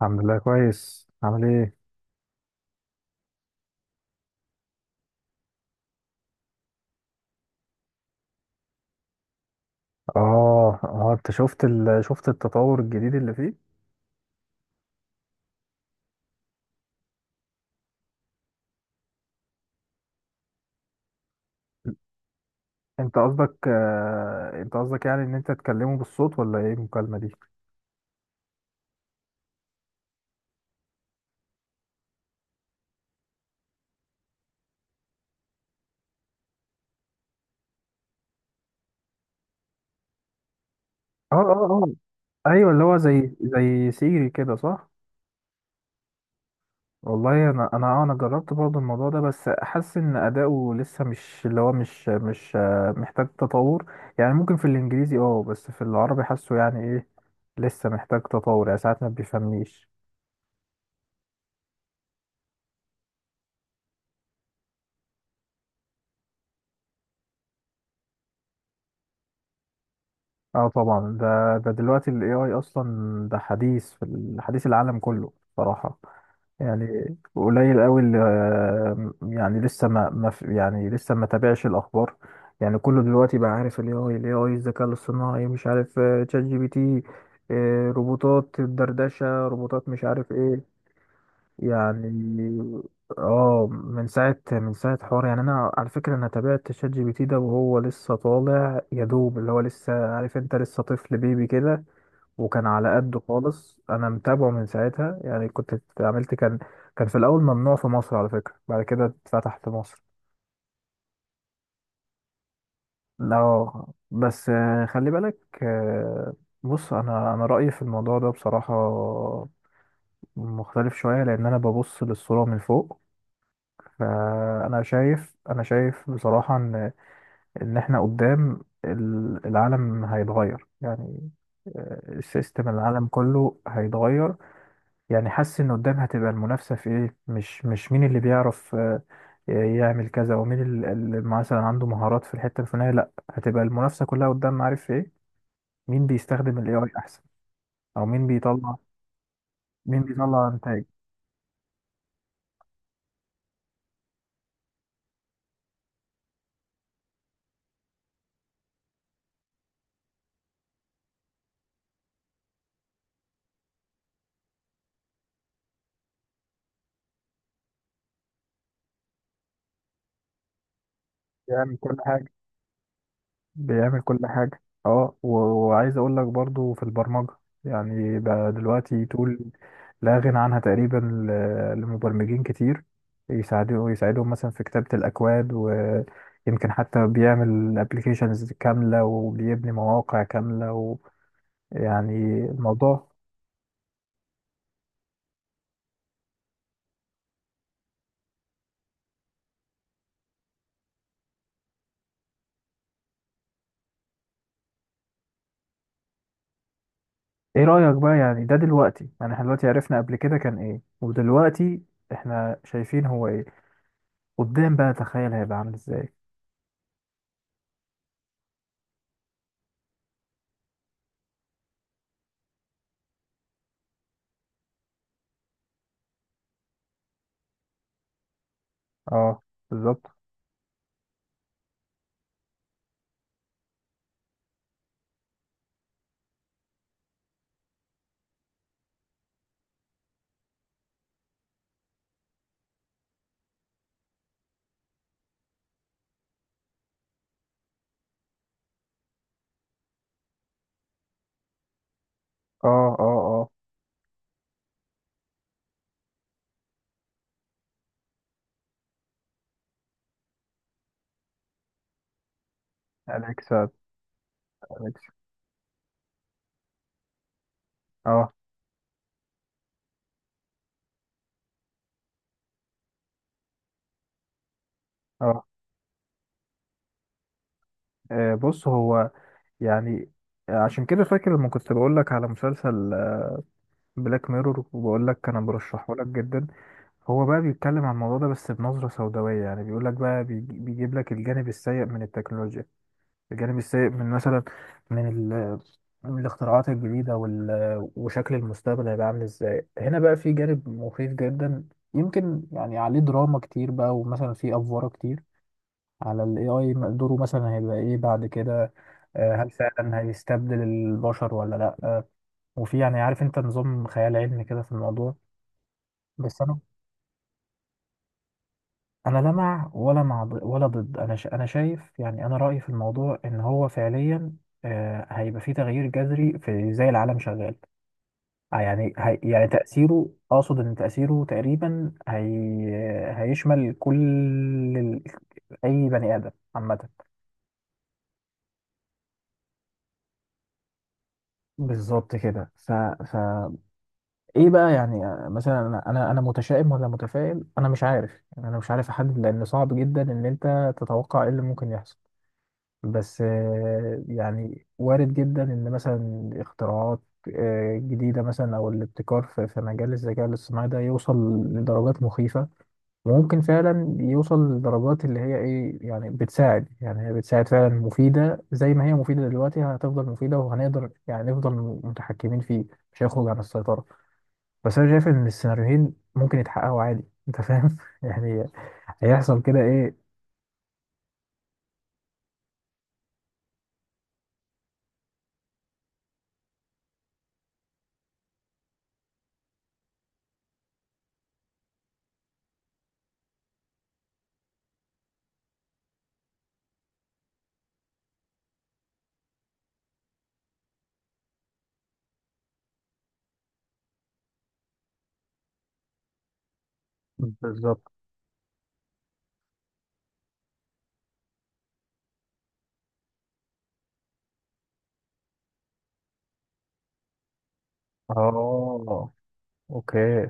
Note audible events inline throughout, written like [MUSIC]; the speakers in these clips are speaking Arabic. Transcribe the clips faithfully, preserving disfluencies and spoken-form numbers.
الحمد لله كويس عامل ايه؟ اه اه انت شفت ال... شفت التطور الجديد اللي فيه. انت قصدك آه... انت قصدك، يعني ان انت تكلمه بالصوت ولا ايه المكالمة دي؟ اه، اه، اه، ايوه. اللي هو زي زي سيري كده، صح؟ والله انا انا اه انا جربت برضه الموضوع ده، بس حاسس ان اداؤه لسه، مش اللي هو، مش مش آه، محتاج تطور. يعني ممكن في الانجليزي، اه، بس في العربي حاسه يعني ايه. لسه محتاج تطور، يعني ساعات ما بيفهمنيش. اه طبعا. ده ده دلوقتي ال إيه آي اصلا، ده حديث في ال- حديث العالم كله صراحة. يعني قليل قوي اللي، يعني لسه ما ما في- يعني لسه ما تابعش الاخبار. يعني كله دلوقتي بقى عارف ال إيه آي، ال إيه آي، الذكاء الاصطناعي، مش عارف آه، تشات جي بي تي، آه، روبوتات الدردشة، روبوتات، مش عارف ايه. يعني، اه، من ساعة، من ساعة حوار، يعني انا على فكرة انا تابعت شات جي بي تي ده وهو لسه طالع يا دوب، اللي هو لسه، عارف انت، لسه طفل بيبي كده. وكان على قده خالص. انا متابعه من ساعتها. يعني كنت عملت، كان، كان في الاول ممنوع في مصر على فكرة، بعد كده اتفتح في مصر. لا، بس آه، خلي بالك. آه، بص، انا انا رأيي في الموضوع ده بصراحة مختلف شوية، لان انا ببص للصورة من فوق. فانا شايف، انا شايف بصراحه ان ان احنا قدام ال- العالم هيتغير يعني. آه، السيستم، العالم كله هيتغير. يعني حاسس ان قدام هتبقى المنافسه في ايه. مش مش مين اللي بيعرف آه، يعمل كذا، ومين ال- اللي مثلا عنده مهارات في الحته الفلانيه. لا، هتبقى المنافسه كلها قدام، عارف في ايه؟ مين بيستخدم الاي اي احسن، او مين بيطلع مين بيطلع انتاج، يعمل كل حاجه. بيعمل كل حاجة اه، و- وعايز اقول لك برضو في البرمجة. يعني بقى دلوقتي تقول لا غنى عنها تقريبا ل- لمبرمجين كتير. يساعدوا يساعدهم مثلا في كتابة الأكواد، ويمكن حتى بيعمل ابلكيشنز كاملة وبيبني مواقع كاملة ويعني الموضوع. ايه رأيك بقى؟ يعني ده دلوقتي، يعني احنا دلوقتي عرفنا قبل كده كان ايه، ودلوقتي احنا شايفين هو ايه. قدام بقى، تخيل هيبقى عامل ازاي. اه، بالظبط. اه، اه، اه. أليكسا. أليكسا. اه، اه. آه، بص هو، يعني عشان كده فاكر لما كنت بقول لك على مسلسل بلاك ميرور، وبقول لك انا برشحه لك جدا. هو بقى بيتكلم عن الموضوع ده، بس بنظرة سوداوية. يعني بيقول لك بقى، بيجي- بيجيب لك الجانب السيء من التكنولوجيا، الجانب السيء من، مثلا، من ال من الاختراعات الجديدة وال- وشكل المستقبل هيبقى عامل ازاي. هنا بقى في جانب مخيف جدا، يمكن، يعني عليه دراما كتير بقى، ومثلا فيه أفوارة كتير على ال آي آي. م- دوره مثلا هيبقى ايه بعد كده، آه، هل فعلا هيستبدل البشر ولا لا، آه، وفي، يعني عارف انت، نظام خيال علمي كده في الموضوع. بس انا انا لا مع، ولا مع ض- ولا ضد. انا شا- انا شايف، يعني انا رأيي في الموضوع ان هو فعليا آه، هيبقى فيه تغيير جذري في ازاي العالم شغال. آه، يعني هي، يعني تأثيره، اقصد ان تأثيره تقريبا، هي هيشمل كل ال- اي بني آدم عامة. بالظبط كده. ف... ف... ايه بقى يعني؟ آه، مثلا انا انا أنا متشائم ولا متفائل، انا مش عارف. يعني انا مش عارف احدد، لان صعب جدا ان انت تتوقع ايه اللي ممكن يحصل. بس آه، يعني وارد جدا ان، مثلا، اختراعات آه، جديدة، مثلا، او الابتكار في في مجال الذكاء الاصطناعي ده يوصل لدرجات مخيفة. وممكن فعلا يوصل لدرجات اللي هي ايه، يعني بتساعد، يعني هي بتساعد فعلا، مفيدة زي ما هي مفيدة دلوقتي، هتفضل مفيدة، وهنقدر يعني نفضل متحكمين فيه، مش هيخرج عن السيطرة. بس انا شايف ان السيناريوهين ممكن يتحققوا عادي. انت فاهم [LAUGHS] يعني، هيحصل كده ايه. بالظبط. اه، اوكي.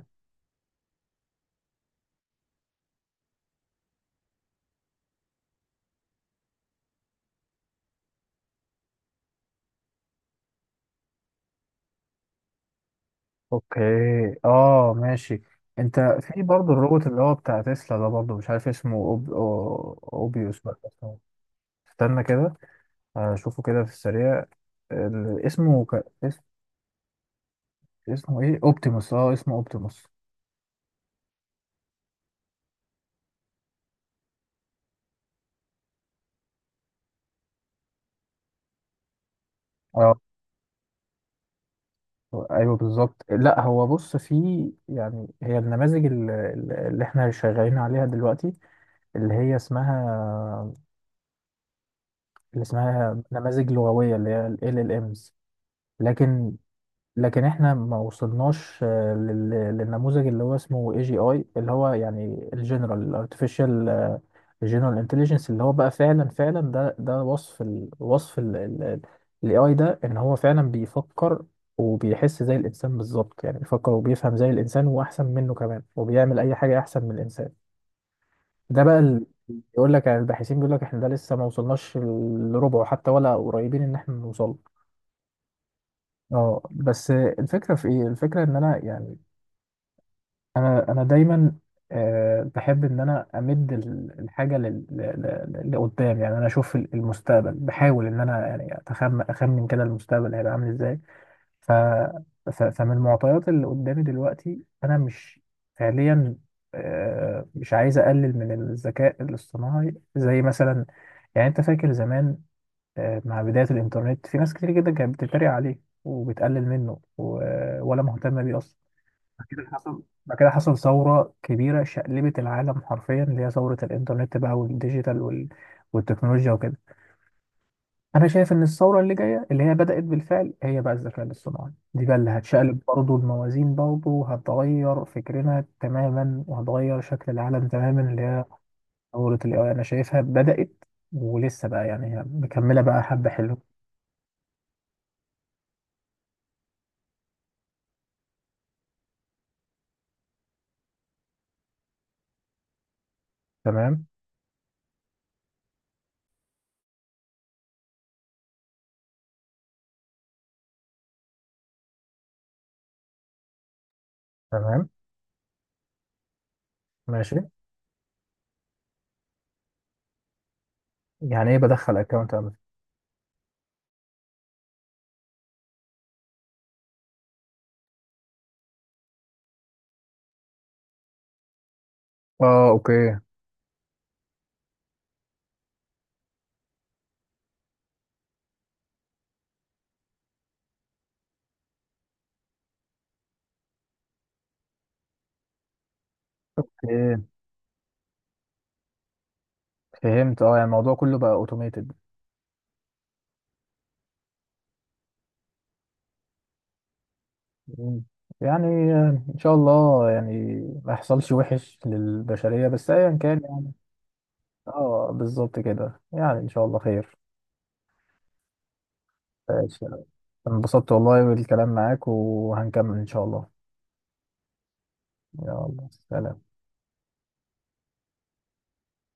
اوكي، اه، ماشي. انت في برضه الروبوت اللي هو بتاع تسلا ده، برضه مش عارف اسمه، أوب... أو- اوبيوس، ولا اسمه، استنى كده اشوفه كده في السريع. ال- اسمه، ك... اس... اسمه ايه، اوبتيموس. اه، اسمه اوبتيموس. اه، ايوه بالظبط. لا هو بص، في، يعني هي النماذج ال- ال- اللي احنا شغالين عليها دلوقتي، اللي هي اسمها، اللي اسمها نماذج لغوية، اللي هي ال إل إل إمز. لكن لكن احنا ما وصلناش آه، لل- للنموذج اللي هو اسمه إيه جي آي، اللي هو يعني الجنرال artificial آه، general intelligence، اللي هو بقى فعلا، فعلا ده ده وصف ال وصف ال ال ال- ال إيه آي ده، ان هو فعلا بيفكر وبيحس زي الانسان بالظبط. يعني بيفكر وبيفهم زي الانسان واحسن منه كمان، وبيعمل اي حاجة احسن من الانسان. ده بقى ال- يقول لك، يعني الباحثين بيقول لك احنا ده لسه ما وصلناش لربعه حتى، ولا قريبين ان احنا نوصل. اه بس الفكره في ايه، الفكره ان انا، يعني انا انا دايما آه، بحب ان انا امد ال- الحاجه لل- ل- ل- لقدام. يعني انا اشوف ال- المستقبل، بحاول ان انا، يعني، اتخمن، اخمن كده المستقبل هيبقى عامل ازاي. ف... ف... فمن المعطيات اللي قدامي دلوقتي، انا مش فعليا آه، مش عايز اقلل من الذكاء الاصطناعي. زي مثلا، يعني انت فاكر زمان، آه، مع بداية الانترنت، في ناس كتير جدا كانت بتتريق عليه وبتقلل منه، و- ولا مهتمة بيه اصلا. بعد كده حصل بعد كده حصل ثورة كبيرة شقلبت العالم حرفيا، اللي هي ثورة الانترنت بقى، والديجيتال وال... والتكنولوجيا وكده. انا شايف ان الثوره اللي جايه، اللي هي بدات بالفعل، هي بقى الذكاء الاصطناعي دي بقى، اللي هتشقلب برضه الموازين برضه، وهتغير فكرنا تماما، وهتغير شكل العالم تماما، اللي هي ثوره الاي اي. انا شايفها بدات، ولسه بقى يعني، هي مكمله بقى حبه حلو. تمام. تمام، ماشي. يعني ايه بدخل اكونت اعمل؟ اه، اوكي. ايه، فهمت. اه، يعني الموضوع كله بقى اوتوميتد. يعني آه، ان شاء الله يعني ما يحصلش وحش للبشريه، بس ايا كان. اه، بالظبط كده. يعني ان شاء الله خير. ماشي. انبسطت والله بالكلام معاك، وهنكمل ان شاء الله. يلا، سلام.